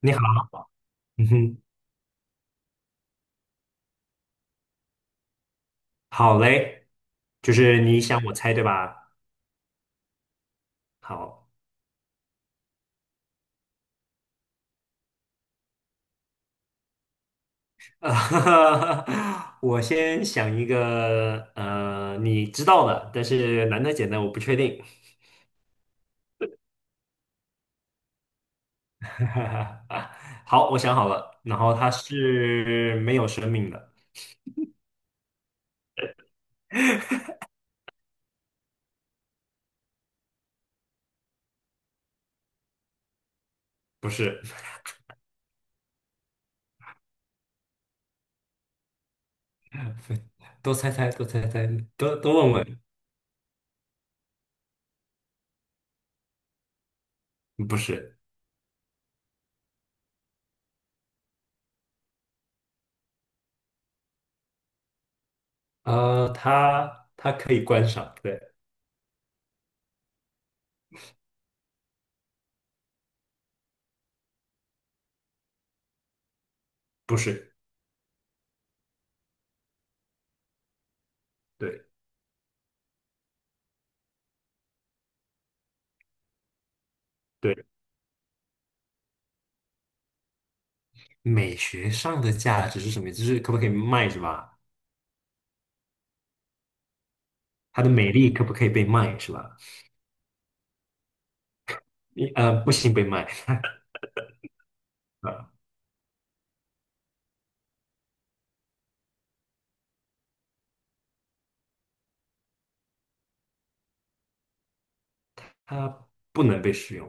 你好，嗯哼，好嘞，就是你想我猜对吧？好，呃，我先想一个，你知道的，但是难的简单我不确定。好，我想好了，然后它是没有生命的。不是。多猜猜，多猜猜，多多问问。不是。它可以观赏，对。不是。对对。美学上的价值是什么？就是可不可以卖是吧？它的美丽可不可以被卖是吧？你不行，被卖。呃，它不能被使用，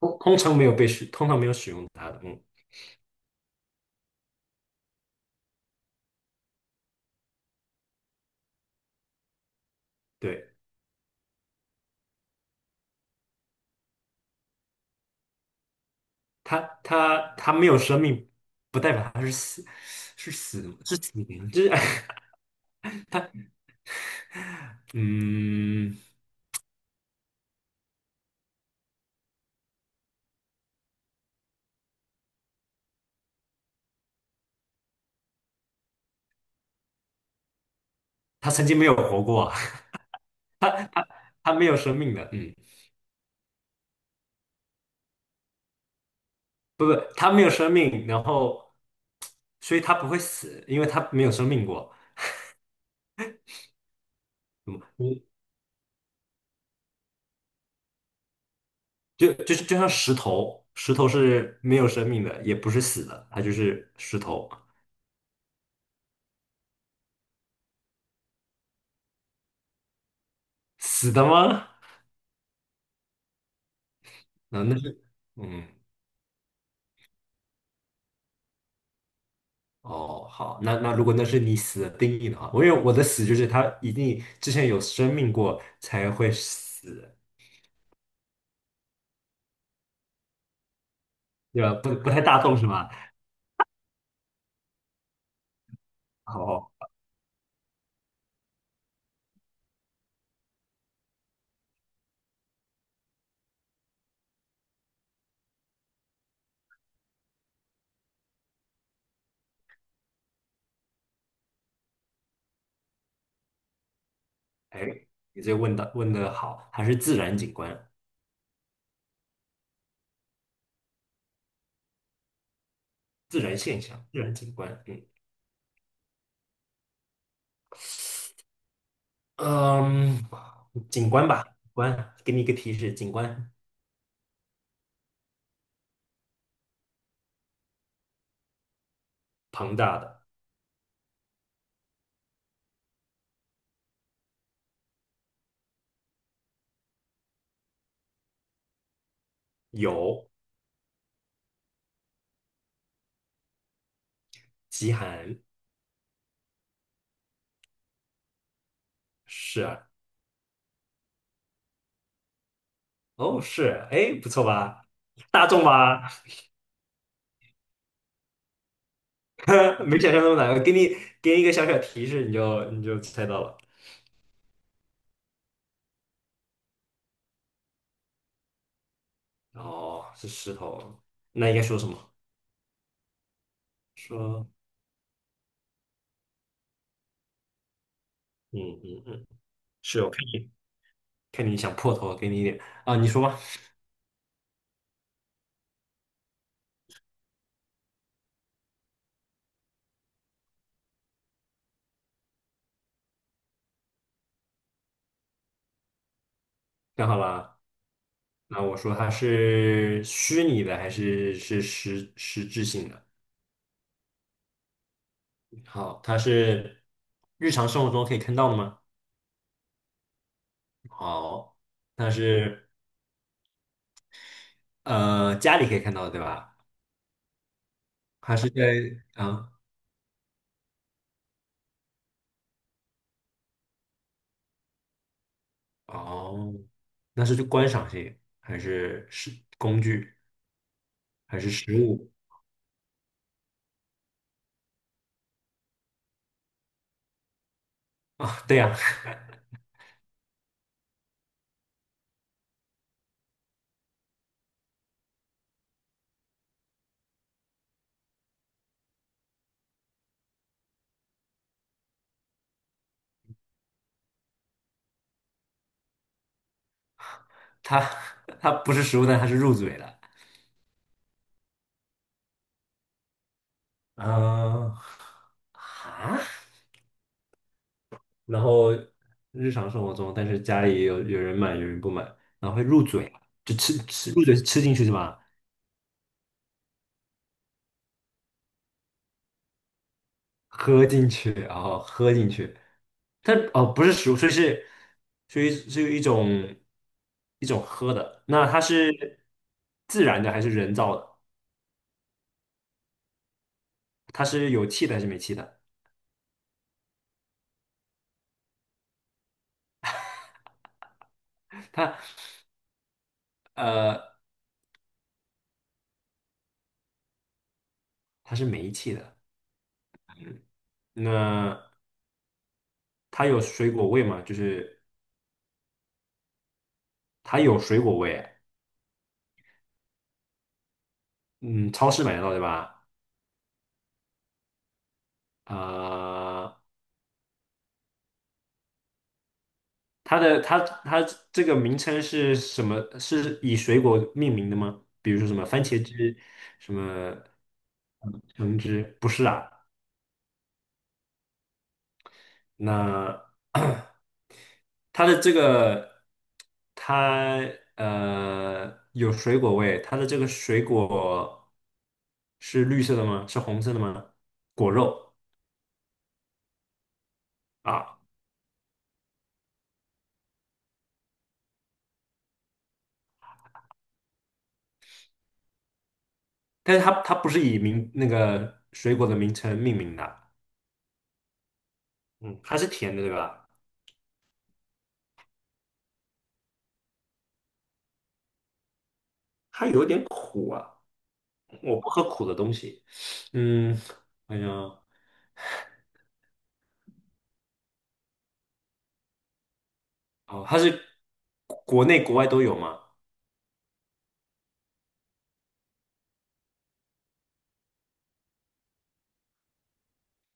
通常没有使用它的。嗯，对。它没有生命，不代表它是死，是死灵，就是 嗯。它曾经没有活过啊。它没有生命的。嗯。不不，它没有生命，然后所以它不会死，因为它没有生命过。嗯。就像石头，石头是没有生命的，也不是死的，它就是石头。死的吗？那那是，嗯，哦，好。那如果那是你死的定义的话，我因为我的死就是它一定之前有生命过才会死，对吧？不太大众是吧？哦，哎，你这个问的好。还是自然景观、自然现象、自然景观，嗯嗯，景观吧，景观，给你一个提示，景观庞大的有。极寒。是啊。哦是，哎，不错吧？大众吧。没想象那么难。给你一个小小提示，你就猜到了。哦，是石头，那应该说什么？说嗯嗯嗯，是我看你想破头，给你一点。啊，你说吧。看好了。那我说它是虚拟的还是实质性的？好，它是日常生活中可以看到的吗？好，它是家里可以看到的，对吧？还是在？啊？哦，那是就观赏性，还是工具，还是食物啊？对呀、它它不是食物，但它是入嘴的。嗯。啊。然后日常生活中，但是家里有人买，有人不买，然后会入嘴，就吃入嘴吃进去是吧？喝进去，然后喝进去。它哦，不是食物，所以是一种喝的。那它是自然的还是人造的？它是有气的还是没气的？它呃，它是没气的。那它有水果味吗？就是它有水果味。嗯，超市买得到对吧？呃，它的这个名称是什么？是以水果命名的吗？比如说什么番茄汁，什么橙汁？不是啊。那 它的这个，它有水果味，它的这个水果是绿色的吗？是红色的吗？果肉啊。但是它不是以名那个水果的名称命名的。嗯。它是甜的，对吧？它有点苦啊。我不喝苦的东西。嗯。哎呀。哦，它是国内国外都有吗？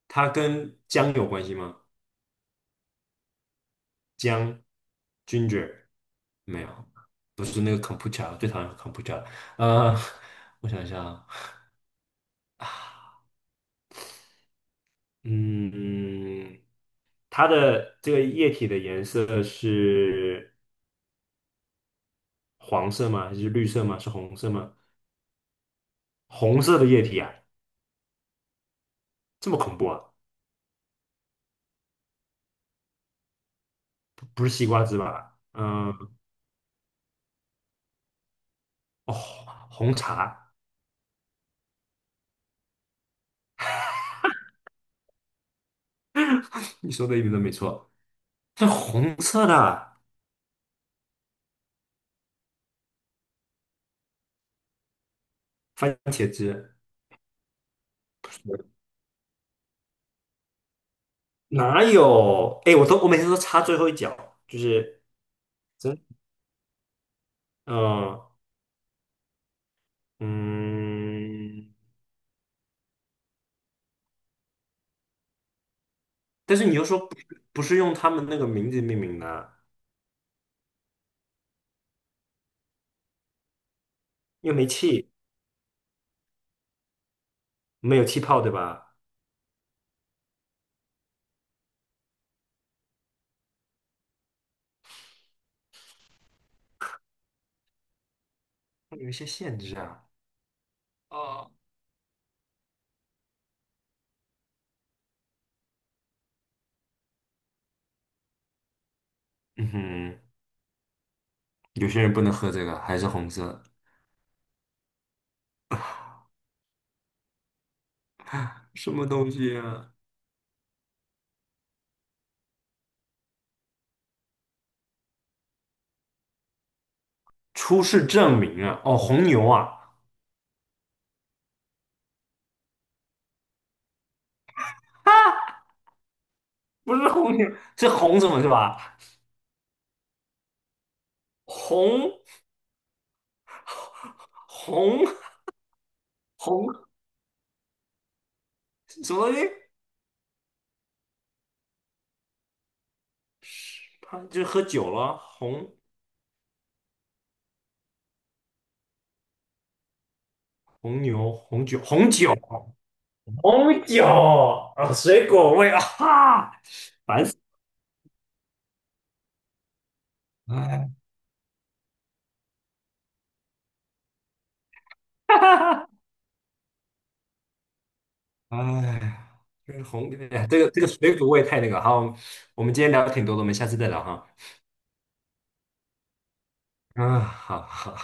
它跟姜有关系吗？姜，ginger。没有。不是那个 c o m p u t e r， 最讨厌 computer。 呃，我想一下。啊。嗯。它的这个液体的颜色是黄色吗？还是绿色吗？是红色吗？红色的液体啊。这么恐怖啊？不是西瓜汁吧？嗯。哦，红茶。你说的一点都没错，是红色的番茄汁。哪有？哎，我每天都插最后一脚，就是。真。嗯嗯，但是你又说不是用他们那个名字命名的啊。又没气。没有气泡，对吧？有一些限制啊。哦。嗯哼。有些人不能喝这个，还是红色，什么东西啊？出示证明啊？哦，红牛啊。啊，不是红牛。是红什么是吧？红红红什么东西？他就是喝酒了。红牛，红酒，红酒。红酒啊，水果味啊，哈，烦死了！哎，哈哈，哎，这个红，哎这个水果味太那个。好，我们今天聊了挺多的，我们下次再聊哈。啊，好好。